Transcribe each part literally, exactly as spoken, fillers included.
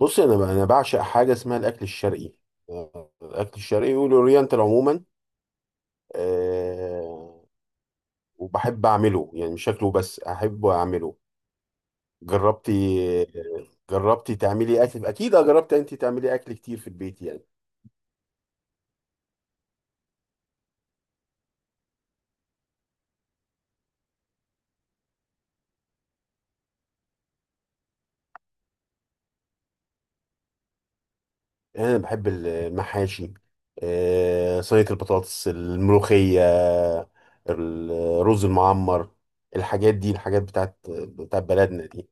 بص انا انا بعشق حاجه اسمها الاكل الشرقي. آه، الاكل الشرقي والاورينتال عموما. أه وبحب اعمله يعني مش شكله بس احب اعمله. جربتي؟ جربتي تعملي اكل اكيد؟ آه، جربت انت تعملي اكل كتير في البيت يعني. انا بحب المحاشي، أه صينيه البطاطس، الملوخيه، الرز المعمر، الحاجات دي، الحاجات بتاعت بتاعت بلدنا دي.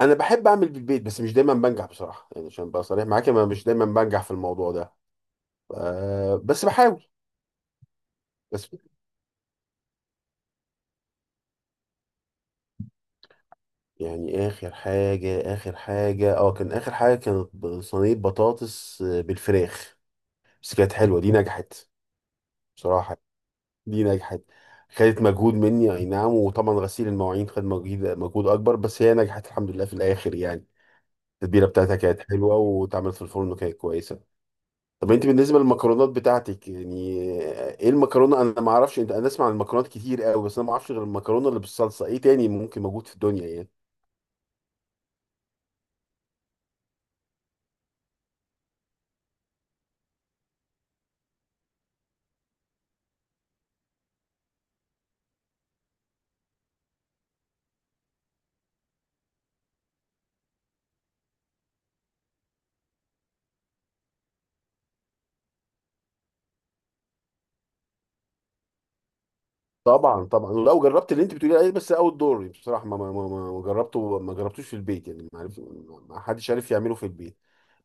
انا بحب اعمل بالبيت بس مش دايما بنجح بصراحه، يعني عشان ابقى صريح معاك انا مش دايما بنجح في الموضوع ده. أه بس بحاول. بس يعني اخر حاجه اخر حاجه اه كان اخر حاجه كانت ب- صينيه بطاطس آه، بالفراخ. بس كانت حلوه، دي نجحت بصراحه، دي نجحت. خدت مجهود مني، اي نعم، وطبعا غسيل المواعين خد مجهود مجهود اكبر، بس هي نجحت الحمد لله في الاخر يعني. التتبيله بتاعتها كانت حلوه، واتعملت في الفرن وكانت كويسه. طب انت بالنسبه للمكرونات بتاعتك يعني ايه؟ المكرونه انا ما اعرفش، انت انا اسمع عن المكرونات كتير قوي، بس انا ما اعرفش غير المكرونه اللي بالصلصه. ايه تاني ممكن موجود في الدنيا يعني؟ طبعا طبعا، ولو جربت اللي انت بتقولي عليه، بس اول دور بصراحه ما ما ما ما جربته ما جربتوش في البيت يعني، ما عرف ما حدش عارف يعمله في البيت.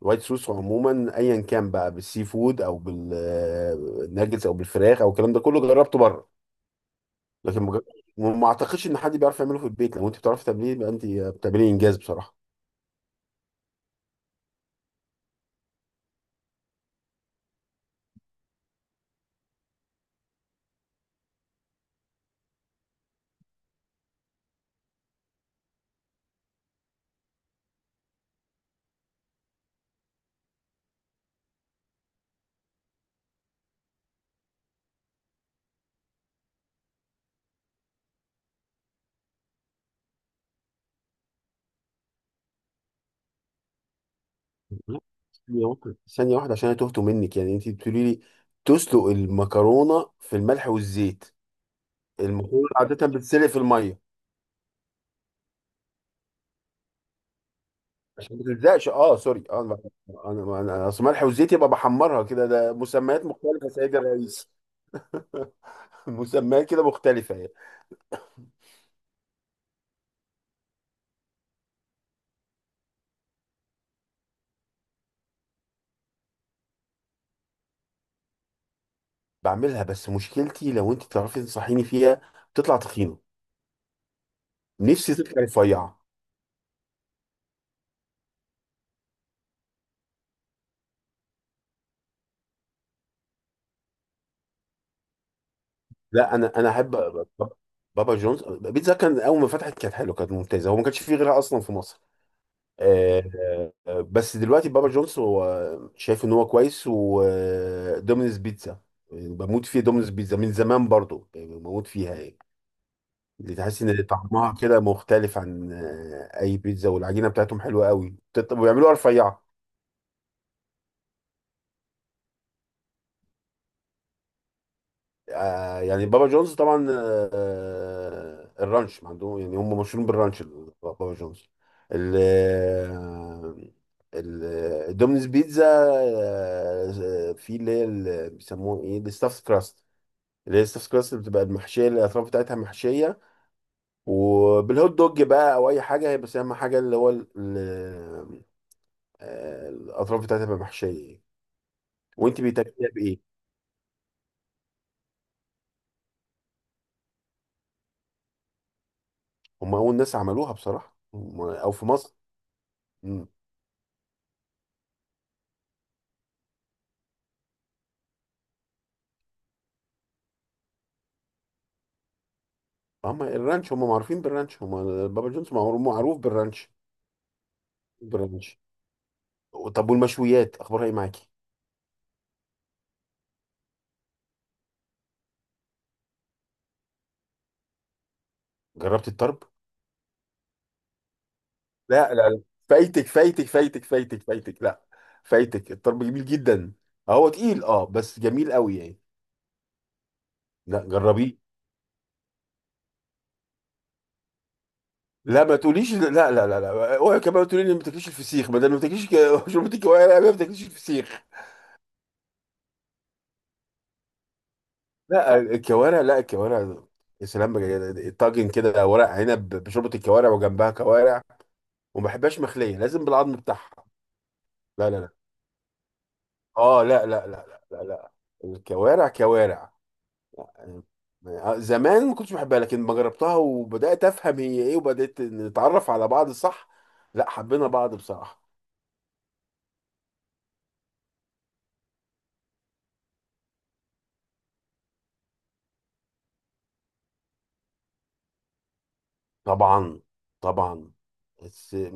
الوايت صوص عموما ايا كان بقى بالسي فود او بالناجتس او بالفراخ او الكلام ده كله، جربته بره. لكن ما جر- ما اعتقدش ان حد بيعرف يعمله في البيت، لو انت بتعرفي تعمليه يبقى انت بتعملي انجاز بصراحه. لا، ثانية واحدة ثانية واحدة عشان أنا تهت منك، يعني أنت بتقولي لي تسلق المكرونة في الملح والزيت؟ المكرونة عادة بتتسلق في المية. عشان ما تلزقش، أه سوري، أه أنا أنا أنا- أصل ملح وزيت يبقى بحمرها كده، ده مسميات مختلفة يا سيدي الرئيس. مسميات كده مختلفة يعني. بعملها، بس مشكلتي لو أنت تعرفي تنصحيني فيها، بتطلع تخينة، نفسي تطلع رفيعة. لا أنا أنا أحب بابا جونز. بيتزا كان أول ما فتحت كانت حلوة، كانت ممتازة، هو ما كانش فيه غيرها أصلا في مصر. آه، آه، بس دلوقتي بابا جونز هو شايف ان هو كويس، ودومينز بيتزا يعني بموت فيه، دومينز بيتزا من زمان برضو بموت فيها يعني. اللي تحس ان طعمها كده مختلف عن آه، اي بيتزا، والعجينه بتاعتهم حلوه قوي بتت- وبيعملوها رفيعه. آه، يعني بابا جونز طبعا، آه آه، الرانش عندهم، يعني هم مشهورين بالرانش ال- بابا جونز. ال آه، ال- الدومينز بيتزا آه، في اللي هي ال- بيسموه ايه الستاف كراست، اللي هي الستاف كراست اللي بتبقى المحشيه، اللي الاطراف بتاعتها محشيه، وبالهوت دوج بقى او اي حاجه، بس اهم حاجه اللي هو ال- ال- آه، الاطراف بتاعتها بتبقى محشيه. وانت بتاكليها بايه؟ هم اول ناس عملوها بصراحه، هم- او في مصر. هم الرانش، هم معروفين بالرانش، هم بابا جونز، معروف معروف بالرانش، بالرانش. طب والمشويات اخبارها ايه معاكي؟ جربت الطرب؟ لا لا لا. فايتك فايتك فايتك فايتك فايتك لا، فايتك، الطرب جميل جدا. هو تقيل اه بس جميل قوي يعني. لا جربيه. لا ما تقوليش، لا لا لا لا اوعي كمان تقولي لي ما بتاكليش الفسيخ، ما ده ما بتاكليش ك- شربتي كوارع ما بتاكليش الفسيخ؟ لا الكوارع، لا الكوارع. يا سلام بقى، طاجن كده ورق عنب بشوربه الكوارع وجنبها كوارع، وما بحبهاش مخليه، لازم بالعظم بتاعها. لا لا لا اه لا لا لا لا لا, لا. الكوارع كوارع يعني. آه، زمان ما كنتش بحبها، لكن ما جربتها وبدات افهم هي ايه، وبدات نتعرف على بعض، صح، لا حبينا بعض بصراحه. طبعا طبعا، بس آه،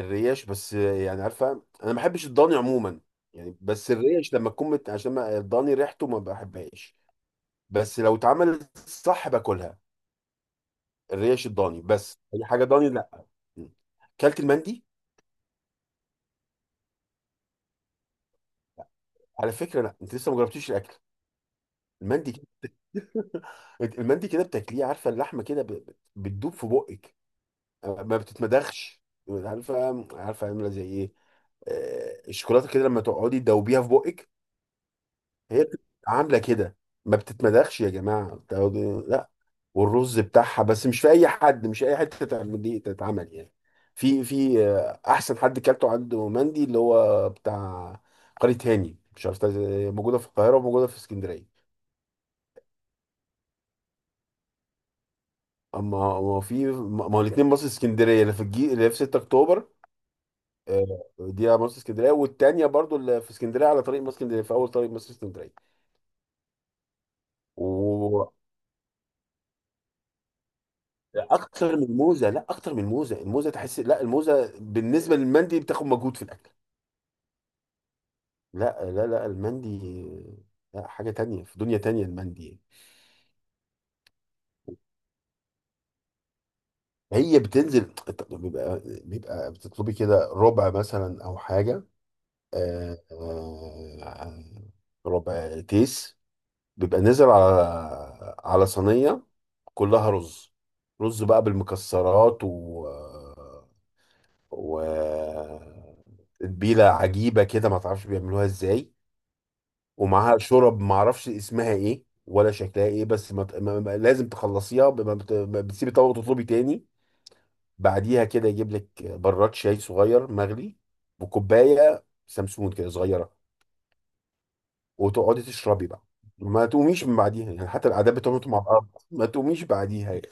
الريش بس آه، يعني عارفه، انا ما بحبش الضاني عموما يعني، بس الريش لما تكون مت... عشان ما- الضاني ريحته ما بحبهاش، بس لو اتعملت صح باكلها. الريش الضاني بس، اي حاجه ضاني لا. مم. كلت المندي؟ على فكره لا انت لسه ما جربتيش الاكل. المندي كده، المندي كده بتاكليه، عارفه اللحمه كده ب- ب- بتدوب في بقك، آه، ما بتتمدخش. عارفه عارفه عامله زي ايه؟ آه، الشوكولاته كده لما تقعدي تدوبيها في بقك، هي بتبقى عامله كده، ما بتتمدخش يا جماعه، بتقعدي- لا. والرز بتاعها، بس مش في اي حد، مش اي حته تعمل دي تتعمل يعني. في في آه، احسن حد كلته عنده مندي اللي هو بتاع قرية هاني، مش عارف تا- موجوده في القاهره وموجوده في اسكندريه. اما ما في ما ما هو الاثنين مصر اسكندريه، اللي في الجي اللي في سته اكتوبر، آه، دي على مصر اسكندريه، والتانيه برضو اللي في اسكندريه على طريق مصر اسكندريه، في اول طريق مصر اسكندريه. واكتر من موزه، لا اكتر من موزه، الموزه تحس، لا الموزه بالنسبه للمندي بتاخد مجهود في الاكل. لا لا لا، المندي لا، حاجة تانية في دنيا تانية المندي. هي بتنزل، بيبقى بيبقى بتطلبي كده ربع مثلا أو حاجة، آه، آه، ربع تيس، بيبقى نزل على على صينية كلها رز، رز بقى بالمكسرات و و تتبيلة عجيبة كده، ما تعرفش بيعملوها ازاي. ومعاها شرب معرفش اسمها ايه ولا شكلها ايه، بس ما ت- ما- ما- لازم تخلصيها ب- ما بت- ما بتسيبي طبق وتطلبي تاني. بعديها كده يجيب لك براد شاي صغير مغلي، وكوبايه سمسمون كده صغيره، وتقعدي تشربي بقى، ما تقوميش من بعديها يعني، حتى العادات بتقعدوا مع بعض، ما تقوميش بعديها يعني.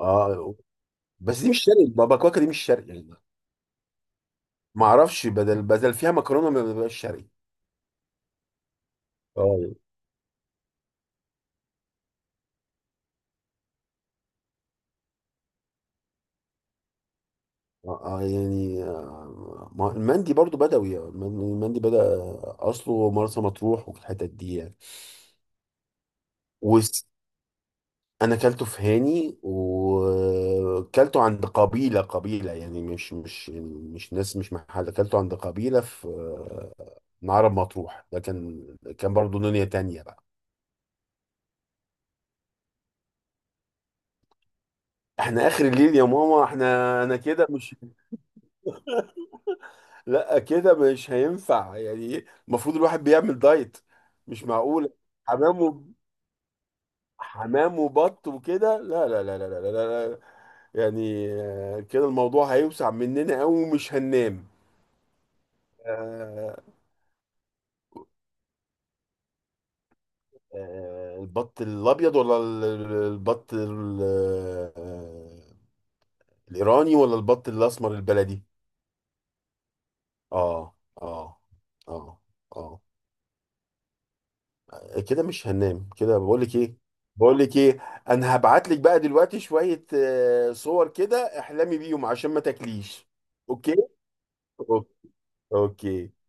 اه بس دي مش شرقي، بابا كواكا دي مش شرقي يعني. ما اعرفش، بدل بدل فيها مكرونه ما بتبقاش شرقي. اه، آه، يعني آه، ما هو المندي برضو بدوي، آه، المن- المندي بدأ أصله مرسى مطروح والحتت دي يعني. وس- أنا كلته في هاني، وكلته عند قبيلة قبيلة يعني مش مش يعني مش ناس، مش محل، كلته عند قبيلة في آه، معرب مطروح، ده كان كان برضو دنيا تانية بقى. احنا آخر الليل يا ماما، احنا أنا كده مش، لا كده مش هينفع يعني إيه؟ المفروض الواحد بيعمل دايت، مش معقول. حمام، حمام وبط وكده، لا لا لا لا لا لا, لا. لا. يعني آه، كده الموضوع هيوسع مننا قوي ومش هننام. آه، آه، البط الابيض ولا ال- ال- البط ال- آه، الايراني، ولا البط الاسمر البلدي؟ اه اه اه. اه كده مش هننام، كده بقول لك ايه بقول لك ايه انا هبعت لك بقى دلوقتي شويه آه، صور كده احلمي بيهم عشان ما تاكليش. اوكي. أوك- اوكي.